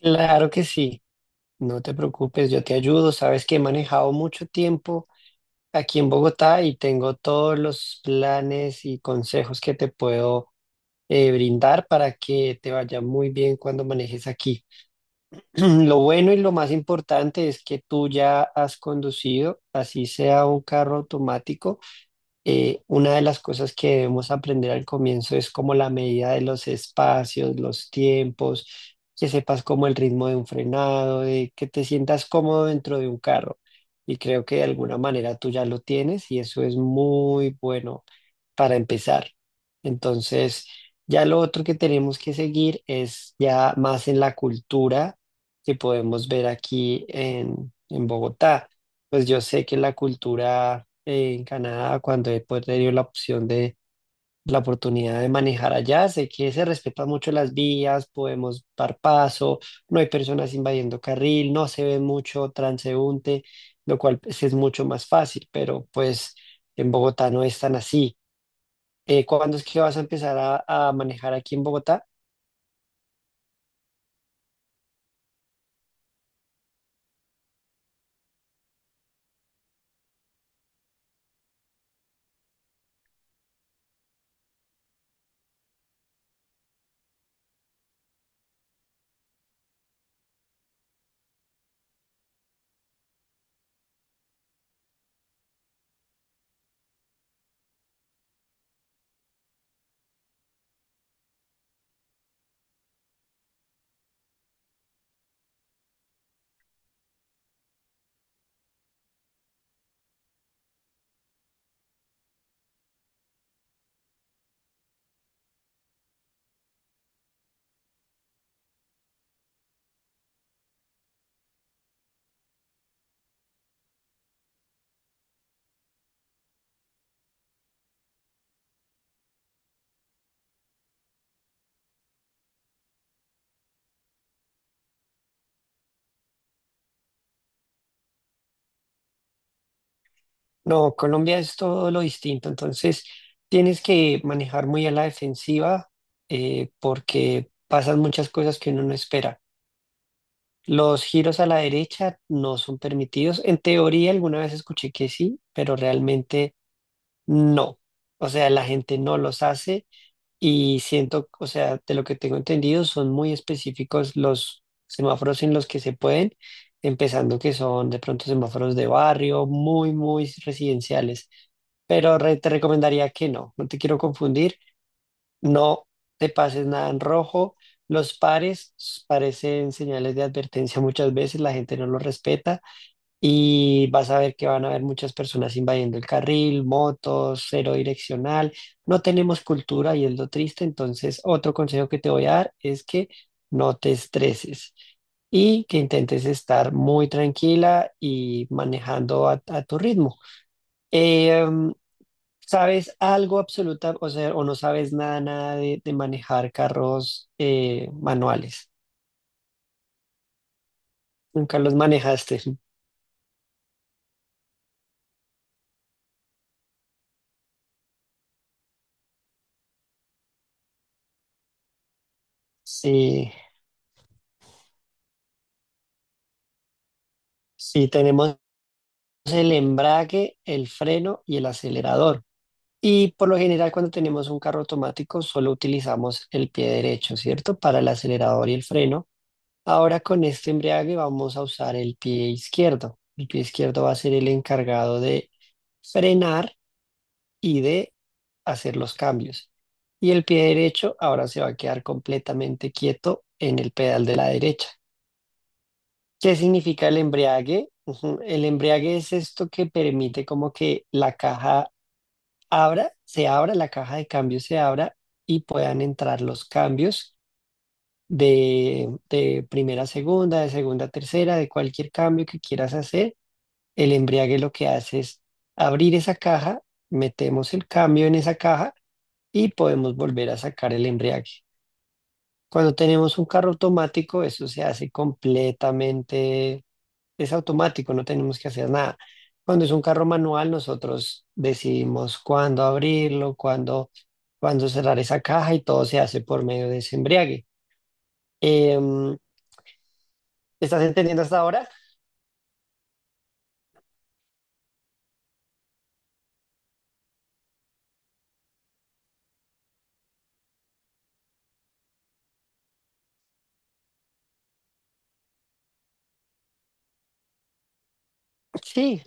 Claro que sí, no te preocupes, yo te ayudo. Sabes que he manejado mucho tiempo aquí en Bogotá y tengo todos los planes y consejos que te puedo brindar para que te vaya muy bien cuando manejes aquí. Lo bueno y lo más importante es que tú ya has conducido, así sea un carro automático. Una de las cosas que debemos aprender al comienzo es como la medida de los espacios, los tiempos, que sepas como el ritmo de un frenado, de que te sientas cómodo dentro de un carro. Y creo que de alguna manera tú ya lo tienes y eso es muy bueno para empezar. Entonces, ya lo otro que tenemos que seguir es ya más en la cultura que podemos ver aquí en Bogotá. Pues yo sé que la cultura en Canadá, cuando he pues, tenido la opción de la oportunidad de manejar allá, sé que se respetan mucho las vías, podemos dar paso, no hay personas invadiendo carril, no se ve mucho transeúnte, lo cual pues, es mucho más fácil, pero pues en Bogotá no es tan así. ¿Cuándo es que vas a empezar a manejar aquí en Bogotá? No, Colombia es todo lo distinto, entonces tienes que manejar muy a la defensiva porque pasan muchas cosas que uno no espera. Los giros a la derecha no son permitidos. En teoría alguna vez escuché que sí, pero realmente no. O sea, la gente no los hace y siento, o sea, de lo que tengo entendido, son muy específicos los semáforos en los que se pueden, empezando que son de pronto semáforos de barrio, muy, muy residenciales. Pero te recomendaría que no, no te quiero confundir, no te pases nada en rojo. Los pares parecen señales de advertencia muchas veces, la gente no los respeta y vas a ver que van a haber muchas personas invadiendo el carril, motos, cero direccional. No tenemos cultura y es lo triste. Entonces, otro consejo que te voy a dar es que no te estreses y que intentes estar muy tranquila y manejando a tu ritmo. Eh, ¿Sabes algo absoluta, o sea, o no sabes nada, nada de manejar carros manuales? Nunca los manejaste. Sí, sí, tenemos el embrague, el freno y el acelerador. Y por lo general cuando tenemos un carro automático solo utilizamos el pie derecho, ¿cierto? Para el acelerador y el freno. Ahora con este embrague vamos a usar el pie izquierdo. El pie izquierdo va a ser el encargado de frenar y de hacer los cambios. Y el pie derecho ahora se va a quedar completamente quieto en el pedal de la derecha. ¿Qué significa el embriague? Ujú. El embriague es esto que permite como que la caja abra, se abra, la caja de cambios se abra y puedan entrar los cambios de primera a segunda, de segunda a tercera, de cualquier cambio que quieras hacer. El embriague lo que hace es abrir esa caja, metemos el cambio en esa caja y podemos volver a sacar el embriague. Cuando tenemos un carro automático, eso se hace completamente es automático, no tenemos que hacer nada. Cuando es un carro manual, nosotros decidimos cuándo abrirlo, cuándo, cuándo cerrar esa caja y todo se hace por medio de ese embriague. Em, ¿Estás entendiendo hasta ahora? Sí,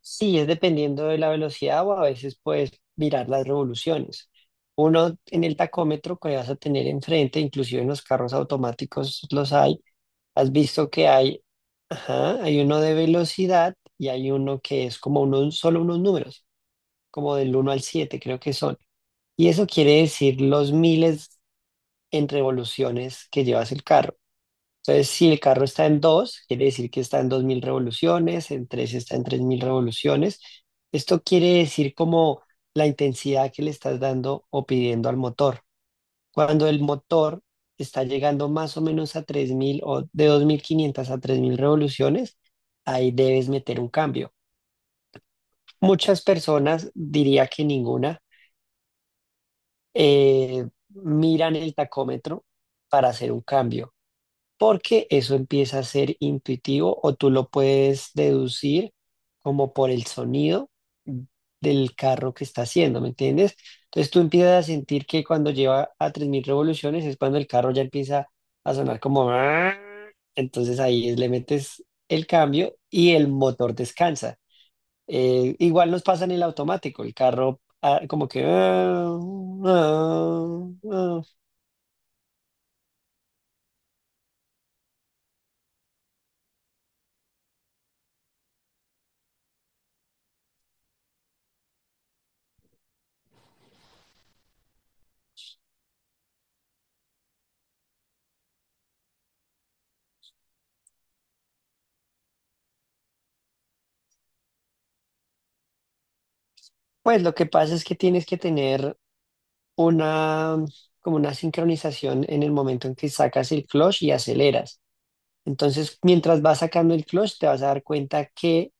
sí, es dependiendo de la velocidad o a veces puedes mirar las revoluciones. Uno en el tacómetro que vas a tener enfrente, inclusive en los carros automáticos los hay. Has visto que hay, ajá, hay uno de velocidad y hay uno que es como unos, solo unos números. Como del uno al 7 creo que son. Y eso quiere decir los miles en revoluciones que llevas el carro. Entonces, si el carro está en 2 quiere decir que está en 2000 revoluciones, en 3 está en 3000 revoluciones. Esto quiere decir como la intensidad que le estás dando o pidiendo al motor. Cuando el motor está llegando más o menos a 3000 o de 2500 a 3000 revoluciones, ahí debes meter un cambio. Muchas personas, diría que ninguna, miran el tacómetro para hacer un cambio, porque eso empieza a ser intuitivo o tú lo puedes deducir como por el sonido del carro que está haciendo, ¿me entiendes? Entonces tú empiezas a sentir que cuando lleva a 3000 revoluciones es cuando el carro ya empieza a sonar como "Ah". Entonces ahí le metes el cambio y el motor descansa. Igual nos pasa en el automático, el carro ah, como que ah, ah, ah. Pues lo que pasa es que tienes que tener una, como una sincronización en el momento en que sacas el clutch y aceleras. Entonces, mientras vas sacando el clutch, te vas a dar cuenta que,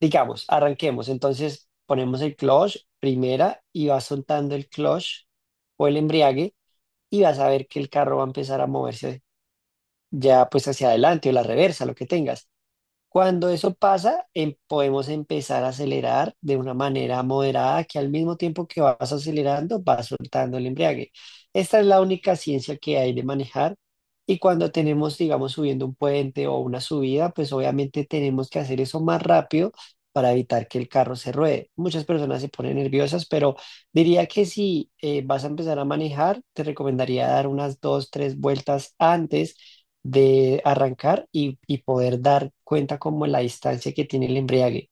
digamos, arranquemos. Entonces, ponemos el clutch primera y vas soltando el clutch o el embriague y vas a ver que el carro va a empezar a moverse ya pues hacia adelante o la reversa, lo que tengas. Cuando eso pasa, podemos empezar a acelerar de una manera moderada, que al mismo tiempo que vas acelerando, vas soltando el embriague. Esta es la única ciencia que hay de manejar. Y cuando tenemos, digamos, subiendo un puente o una subida, pues obviamente tenemos que hacer eso más rápido para evitar que el carro se ruede. Muchas personas se ponen nerviosas, pero diría que si vas a empezar a manejar, te recomendaría dar unas dos, tres vueltas antes de arrancar y poder dar cuenta como la distancia que tiene el embriague.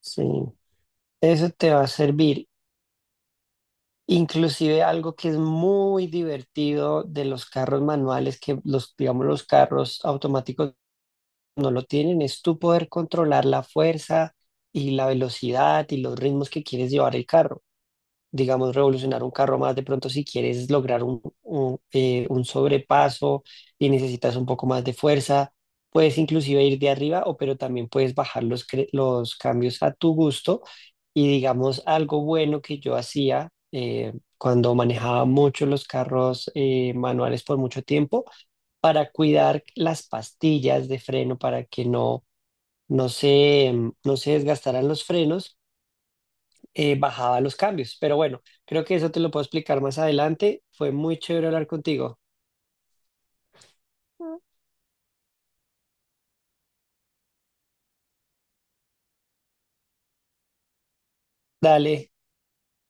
Sí, eso te va a servir. Inclusive algo que es muy divertido de los carros manuales, que los, digamos, los carros automáticos no lo tienen, es tú poder controlar la fuerza y la velocidad y los ritmos que quieres llevar el carro. Digamos, revolucionar un carro más, de pronto si quieres lograr un sobrepaso y necesitas un poco más de fuerza, puedes inclusive ir de arriba o pero también puedes bajar los, los cambios a tu gusto y digamos algo bueno que yo hacía cuando manejaba mucho los carros manuales por mucho tiempo para cuidar las pastillas de freno para que no se, no se desgastaran los frenos, bajaba los cambios. Pero bueno, creo que eso te lo puedo explicar más adelante. Fue muy chévere hablar contigo. Dale.